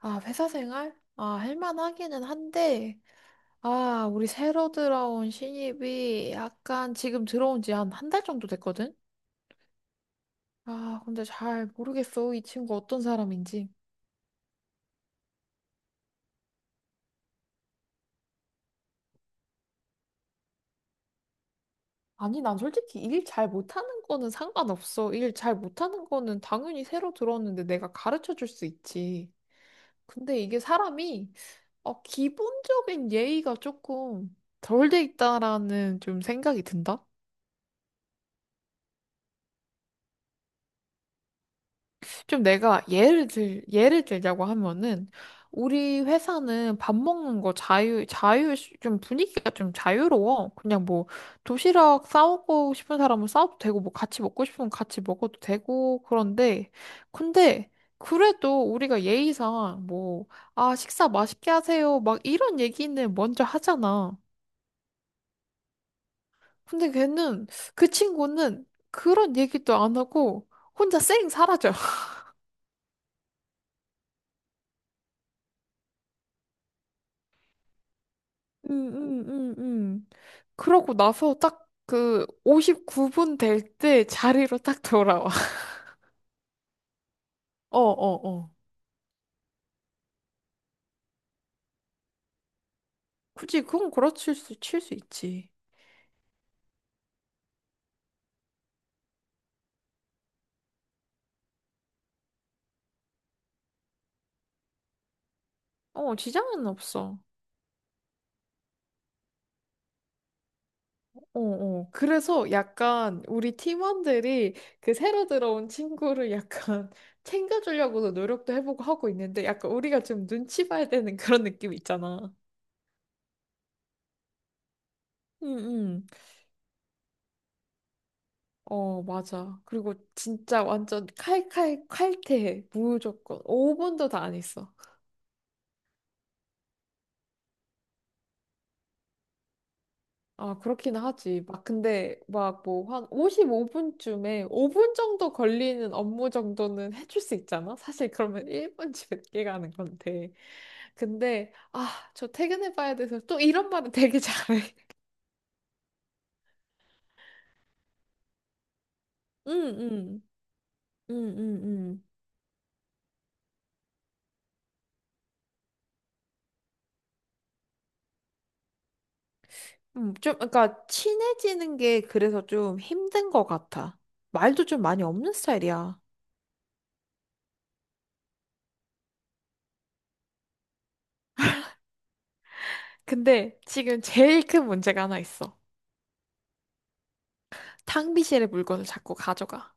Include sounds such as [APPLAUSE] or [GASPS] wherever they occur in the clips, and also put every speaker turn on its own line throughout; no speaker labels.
아, 회사 생활? 아, 할만하기는 한데, 아, 우리 새로 들어온 신입이 약간 지금 들어온 지 한 한 달 정도 됐거든? 아, 근데 잘 모르겠어. 이 친구 어떤 사람인지. 아니, 난 솔직히 일 잘 못하는 거는 상관없어. 일 잘 못하는 거는 당연히 새로 들어왔는데 내가 가르쳐 줄 수 있지. 근데 이게 사람이, 기본적인 예의가 조금 덜 돼 있다라는 좀 생각이 든다? 좀 내가 예를 들자고 하면은, 우리 회사는 밥 먹는 거 자유, 좀 분위기가 좀 자유로워. 그냥 뭐, 도시락 싸우고 싶은 사람은 싸워도 되고, 뭐 같이 먹고 싶으면 같이 먹어도 되고, 그런데, 근데, 그래도 우리가 예의상 뭐, 아, 식사 맛있게 하세요. 막 이런 얘기는 먼저 하잖아. 근데 걔는, 그 친구는 그런 얘기도 안 하고, 혼자 쌩 사라져. 음, 음, 음, 음. 그러고 나서 딱 그 59분 될 때 자리로 딱 돌아와. [LAUGHS] 어, 어, 어. 굳이 그건 칠 수 있지. 어, 지장은 없어. 어, 어. 그래서 약간 우리 팀원들이 그 새로 들어온 친구를 약간 [LAUGHS] 챙겨주려고도 노력도 해보고 하고 있는데 약간 우리가 좀 눈치 봐야 되는 그런 느낌 있잖아. 응, 응. 어, 맞아. 그리고 진짜 완전 칼칼 칼퇴해. 무조건. 5분도 다 안 했어. 아, 그렇긴 하지. 막 근데 막 뭐 한 55분쯤에 5분 정도 걸리는 업무 정도는 해줄 수 있잖아. 사실 그러면 1분 집에 늦 가는 건데. 근데 아, 저 퇴근해 봐야 돼서 또 이런 말은 되게 잘해. [LAUGHS] 응, 응, 응, 응, 응. 좀, 그러니까 친해지는 게 그래서 좀 힘든 것 같아. 말도 좀 많이 없는 스타일이야. 근데 지금 제일 큰 문제가 하나 있어. 탕비실에 물건을 자꾸 가져가.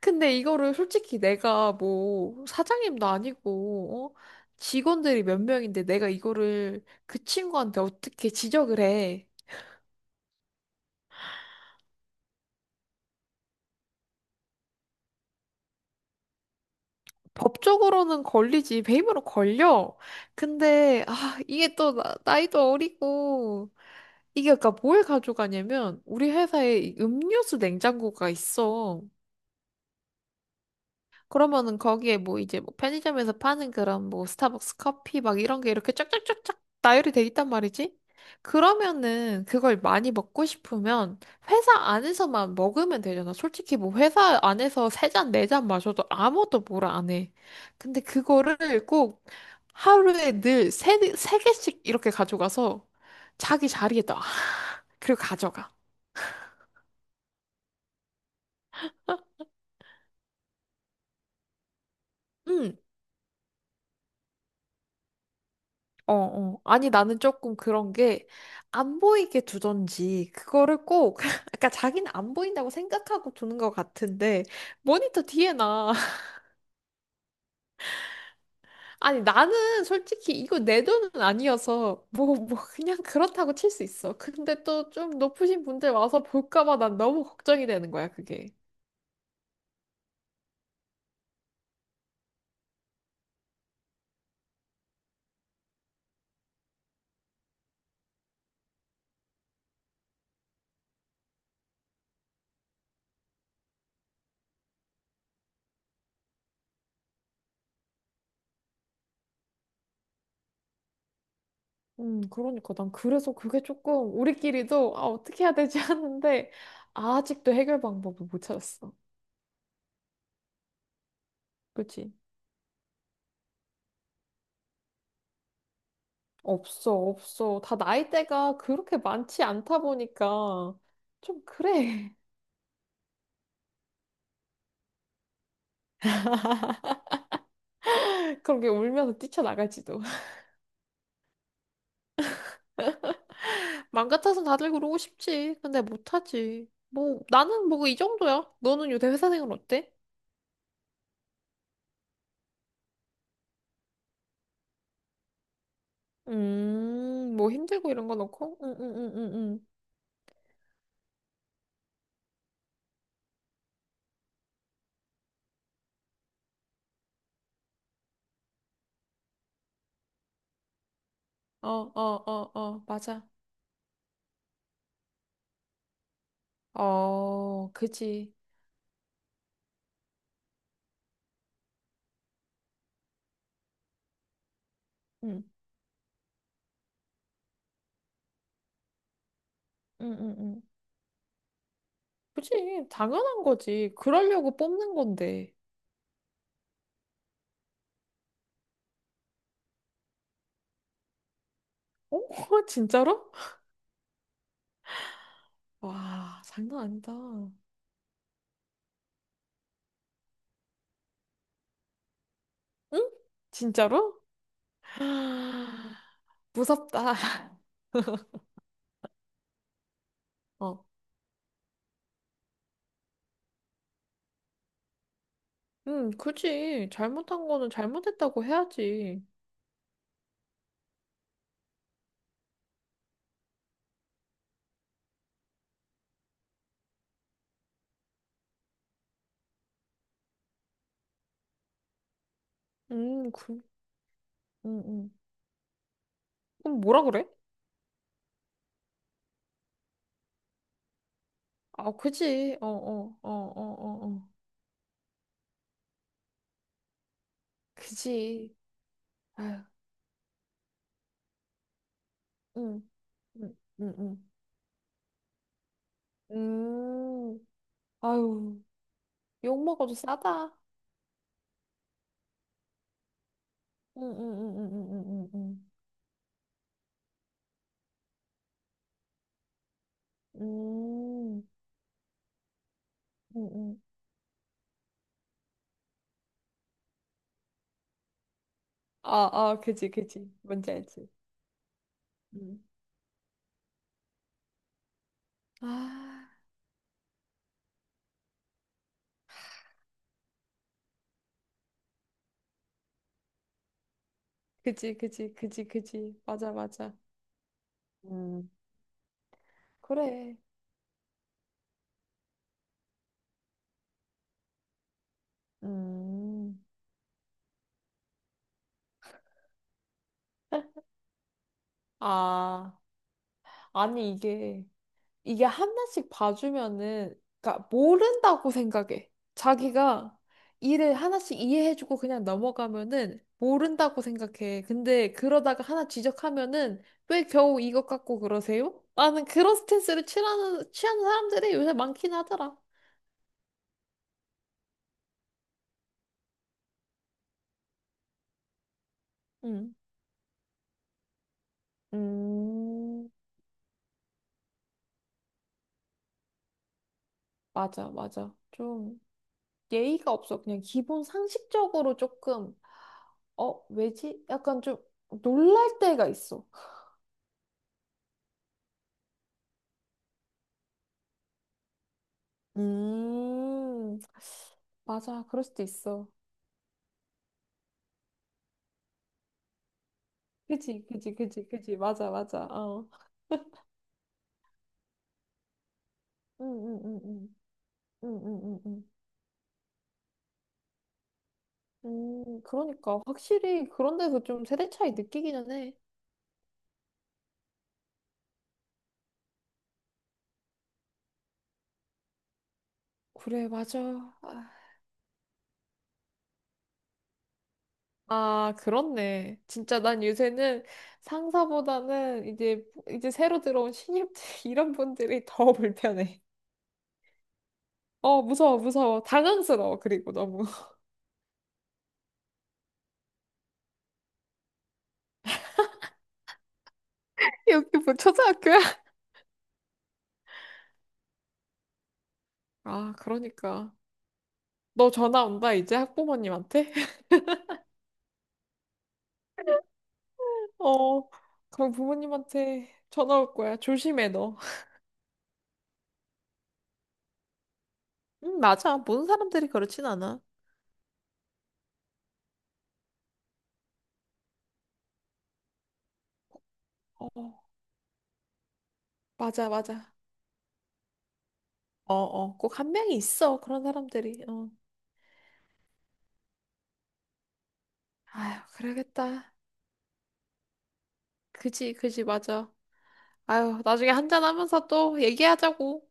근데 이거를 솔직히 내가 뭐 사장님도 아니고 어? 직원들이 몇 명인데 내가 이거를 그 친구한테 어떻게 지적을 해? 법적으로는 걸리지, 배임으로 걸려. 근데 아 이게 또 나이도 어리고 이게 그러니까 뭘 가져가냐면 우리 회사에 이 음료수 냉장고가 있어. 그러면은 거기에 뭐 이제 뭐 편의점에서 파는 그런 뭐 스타벅스 커피 막 이런 게 이렇게 쫙쫙쫙쫙 나열이 돼 있단 말이지. 그러면은 그걸 많이 먹고 싶으면 회사 안에서만 먹으면 되잖아. 솔직히 뭐 회사 안에서 세 잔, 네 잔 마셔도 아무도 뭐라 안 해. 근데 그거를 꼭 하루에 늘 세, 네, 세 개씩 이렇게 가져가서 자기 자리에다 그리고 가져가. 응. 어, 어. 아니, 나는 조금 그런 게, 안 보이게 두던지, 그거를 꼭, [LAUGHS] 그러니까 자기는 안 보인다고 생각하고 두는 것 같은데, 모니터 뒤에 나. [LAUGHS] 아니, 나는 솔직히 이거 내 돈은 아니어서, 뭐, 뭐, 그냥 그렇다고 칠 수 있어. 근데 또 좀 높으신 분들 와서 볼까봐 난 너무 걱정이 되는 거야, 그게. 그러니까 난 그래서 그게 조금, 우리끼리도, 아, 어떻게 해야 되지 하는데, 아직도 해결 방법을 못 찾았어. 그치? 없어, 없어. 다 나이대가 그렇게 많지 않다 보니까 좀 그래. [LAUGHS] 그런 게 울면서 뛰쳐나갈지도. [LAUGHS] 맘 같아서 다들 그러고 싶지. 근데 못하지. 뭐, 나는 뭐 이 정도야. 너는 요새 회사 생활 어때? 뭐 힘들고 이런 거 넣고? 응, 응, 응, 응, 응. 어, 어, 어, 어, 맞아. 어, 그지. 응, 응, 응, 응. 그지. 당연한 거지. 그러려고 뽑는 건데. 어? [LAUGHS] 진짜로? 와, 장난 아니다. 응? 진짜로? [GASPS] 무섭다. [LAUGHS] 어. 그지. 잘못한 거는 잘못했다고 해야지. 그, 음, 음. 그럼 뭐라 그래? 아, 그지. 어, 어, 어, 어, 어, 어. 그지. 아유, 음, 음, 음, 음. 음, 아유, 욕 먹어도 싸다. 음, 음, 음, 음, 음, 음, 음, 음, 음. 음, 음. 아, 아, 그지, 그지. 뭔지 알지. 음. 아. 그지, 그지, 그지, 그지. 맞아, 맞아. 음, 그래. 음, 아, 아니, 이게 하나씩 봐주면은, 그러니까 모른다고 생각해. 자기가 일을 하나씩 이해해주고 그냥 넘어가면은 모른다고 생각해. 근데 그러다가 하나 지적하면은 왜 겨우 이것 갖고 그러세요? 나는 그런 스탠스를 취하는 사람들이 요새 많긴 하더라. 응, 음. 맞아, 맞아. 좀. 예의가 없어. 그냥 기본 상식적으로 조금, 어, 왜지? 약간 좀 놀랄 때가 있어. 음, 맞아. 그럴 수도 있어. 그지, 그지, 그지, 그지. 맞아, 맞아. 어. 응, 응, 응, 응. 응, 응, 응, 응. 그러니까. 확실히 그런 데서 좀 세대 차이 느끼기는 해. 그래, 맞아. 아, 아, 그렇네. 진짜 난 요새는 상사보다는 이제 새로 들어온 신입들, [LAUGHS] 이런 분들이 더 불편해. 어, 무서워, 무서워. 당황스러워, 그리고 너무. [LAUGHS] 여기 뭐 초등학교야? 아, 그러니까. 너 전화 온다, 이제 학부모님한테? [LAUGHS] 어, 그럼 부모님한테 전화 올 거야. 조심해, 너. 응, 맞아. 모든 사람들이 그렇진 않아. 어, 맞아, 맞아. 어, 어, 꼭 한 명이 있어, 그런 사람들이. 어. 아휴, 그러겠다. 그지, 그지, 맞아. 아유, 나중에 한잔하면서 또 얘기하자고.